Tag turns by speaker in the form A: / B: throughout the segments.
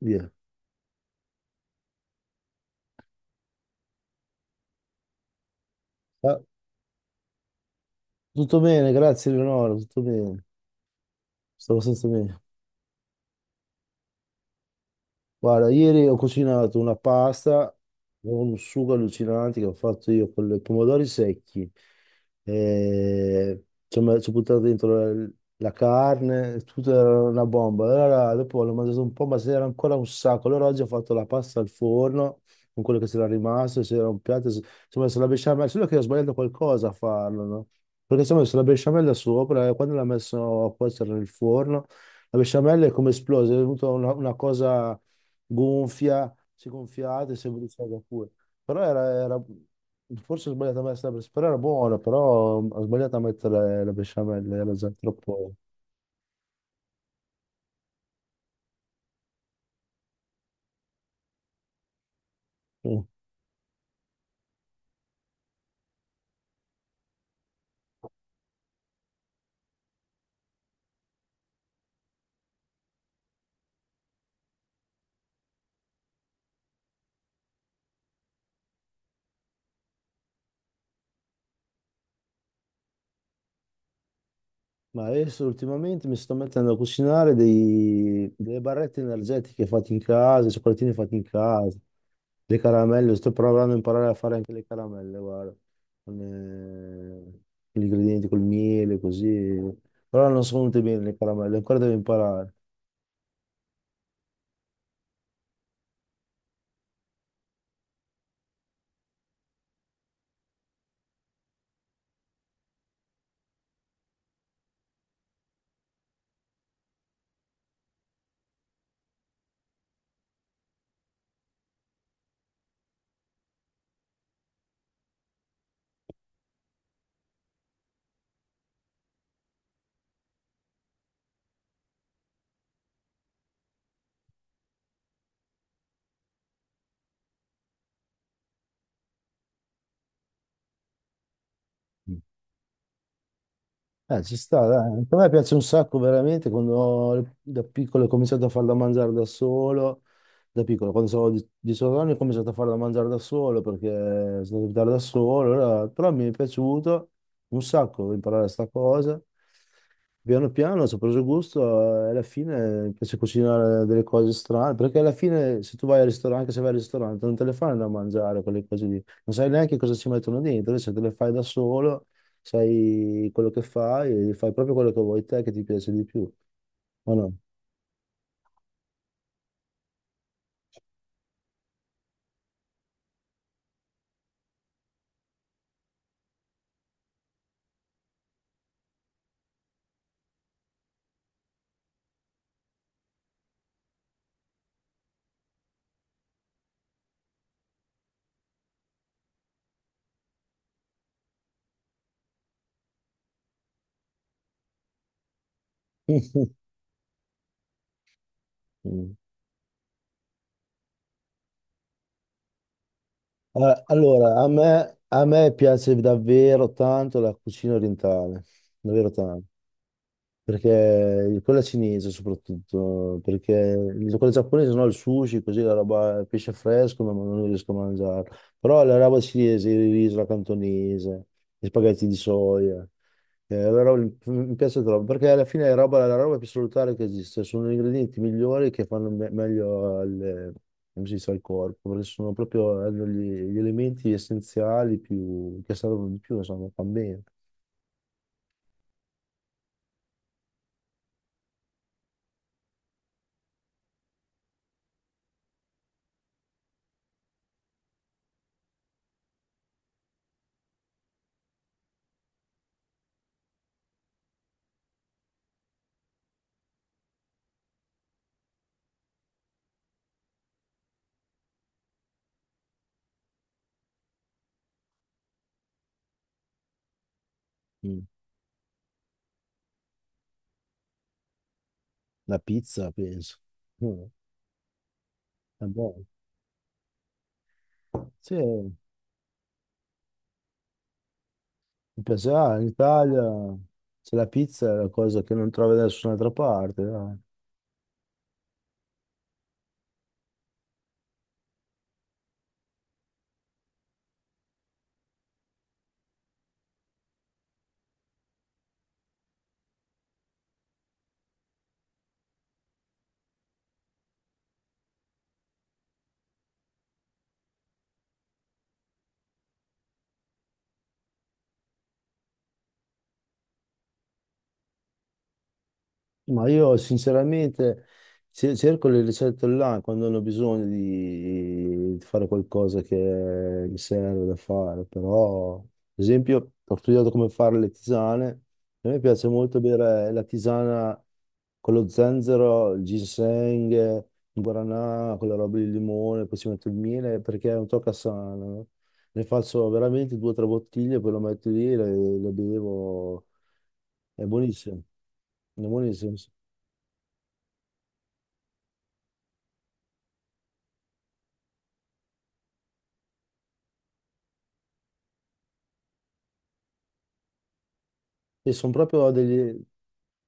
A: Via. Ah, Tutto bene, grazie Leonora, tutto bene. Stavo senza me. Guarda, ieri ho cucinato una pasta con un sugo allucinante che ho fatto io con i pomodori secchi. E ci ho buttato dentro la, la carne, tutto era una bomba. Allora, dopo l'ho mangiato un po', ma c'era ancora un sacco. Allora oggi ho fatto la pasta al forno con quello che c'era rimasto, c'era un piatto, ci ho messo la besciamella, solo che ho sbagliato qualcosa a farlo, no? Perché ci ho messo la besciamella sopra e quando l'ho messo a cuocere nel forno, la besciamella è come esplosa, è venuta una cosa gonfia, si gonfiate, sembra di saga pure. Però era forse ho sbagliato a mettere la besciamella, però era buona, però ho sbagliato a mettere la besciamella, era già troppo. Mm. Ma adesso ultimamente mi sto mettendo a cucinare delle barrette energetiche fatte in casa, i cioccolatini fatti in casa, le caramelle, sto provando a imparare a fare anche le caramelle, guarda, con, eh, con gli ingredienti, col miele, così. Però non sono venute bene le caramelle, ancora devo imparare. Mm. Ci sta, dai. A me piace un sacco veramente quando da piccolo ho cominciato a farla mangiare da solo. Da piccolo, quando avevo 18 anni, ho cominciato a farla mangiare da solo perché sono andato a abitare da solo però mi è piaciuto un sacco imparare questa cosa. Piano piano ci ho preso gusto, e alla fine mi piace cucinare delle cose strane. Perché alla fine, se tu vai al ristorante, anche se vai al ristorante, non te le fanno da mangiare quelle cose lì, non sai neanche cosa ci mettono dentro, invece te le fai da solo, sai quello che fai e fai proprio quello che vuoi te che ti piace di più, o no? Allora, a me piace davvero tanto la cucina orientale, davvero tanto. Perché quella cinese soprattutto, perché quella giapponese no, il sushi, così la roba, il pesce fresco, no, ma non riesco a mangiare. Però la roba cinese, il riso, la cantonese, gli spaghetti di soia, mi piace troppo, perché alla fine è roba, la roba più salutare che esiste, sono gli ingredienti migliori che fanno meglio al, come si dice, al corpo, perché sono proprio hanno gli elementi essenziali più, che servono di più, insomma, fa bene. Mm. La pizza, penso. Mm. È buono. Sì, mi piacerà. In Italia c'è la pizza, è la cosa che non trovi da nessun'altra parte. Dai. Ma io sinceramente cerco le ricette online quando hanno bisogno di fare qualcosa che mi serve da fare, però ad esempio ho studiato come fare le tisane, a me piace molto bere la tisana con lo zenzero, il ginseng, il guaranà, quella roba di limone, poi ci metto il miele perché è un tocca sano, no? Ne faccio veramente due o tre bottiglie, poi lo metto lì e le bevo, è buonissimo. È buonissimo, sì. Sì, sono proprio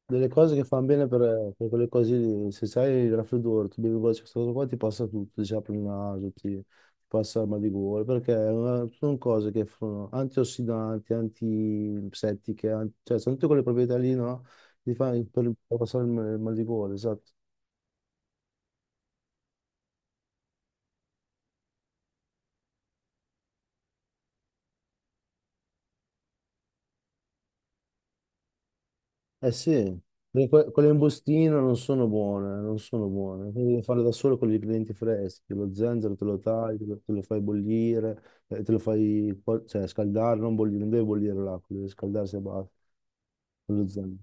A: delle cose che fanno bene per quelle cose lì. Se sai il raffreddore, tu bevi questa cosa qua, ti passa tutto, ti apre il naso, ti passa il mal di gola, perché è sono cose che sono antiossidanti, antiseptiche, cioè sono tutte quelle proprietà lì, no? Ti fa per passare il mal di gola, esatto. Eh sì, perché quelle in bustino non sono buone, non sono buone. Quindi devi farle da solo con gli ingredienti freschi, lo zenzero te lo tagli, te lo fai bollire, te lo fai cioè, scaldare, non bollire, non deve bollire l'acqua, deve scaldarsi a basta, con lo zenzero.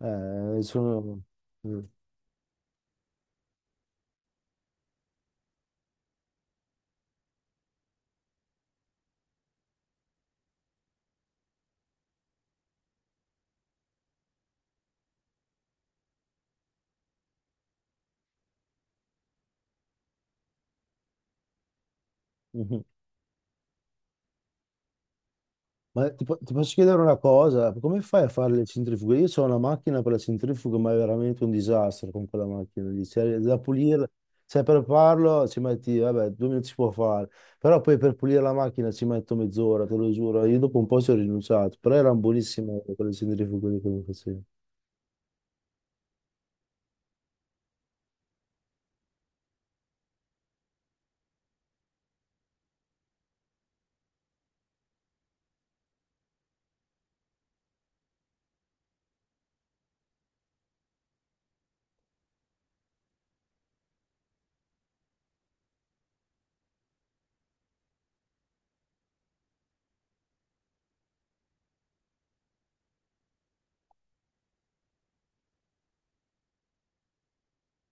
A: Sono... Mm. Ma ti posso chiedere una cosa, come fai a fare le centrifughe? Io ho una macchina per la centrifuga, ma è veramente un disastro con quella macchina lì. Cioè, da pulirla, cioè per farlo ci metti, vabbè, 2 minuti si può fare, però poi per pulire la macchina ci metto mezz'ora, te lo giuro. Io dopo un po' ci ho rinunciato, però erano buonissime quelle centrifughe lì che mi facevi.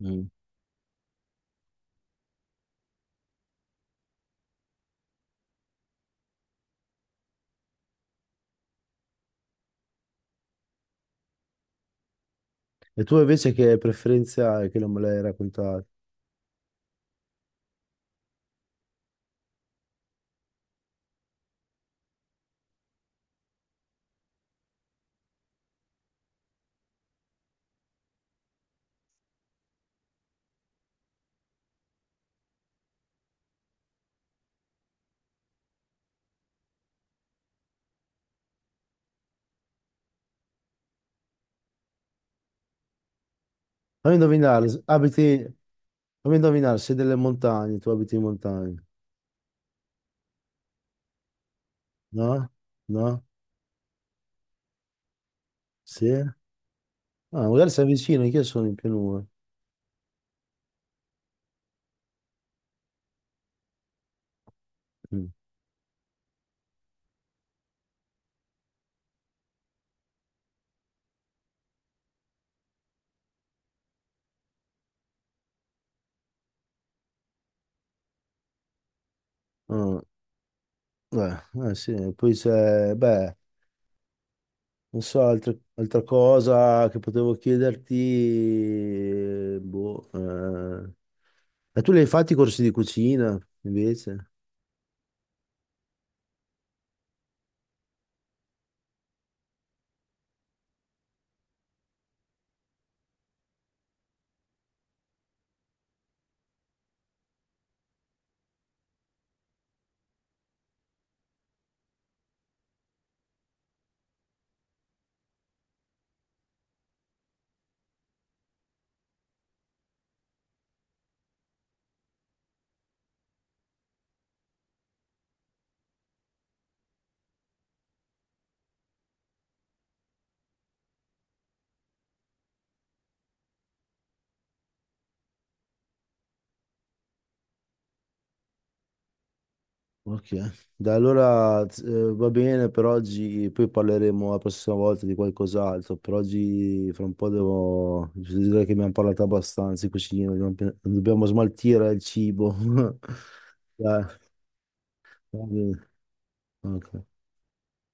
A: Mm. E tu invece che preferenze hai che non me l'hai raccontato? Fammi indovinare, s- abiti, Fammi indovinare, sei delle montagne, tu abiti in montagna, no? No? Sì? Ah, magari sei vicino, che sono in pianura. Mm. Ah, eh, sì, poi se, beh, non so, altra cosa che potevo chiederti, boh, eh. E tu li hai fatti i corsi di cucina, invece? Ok, da allora, va bene per oggi, poi parleremo la prossima volta di qualcos'altro, per oggi fra un po' devo, devo dire che abbiamo parlato abbastanza di cucina, dobbiamo, dobbiamo smaltire il cibo. Dai. Anche. Ok.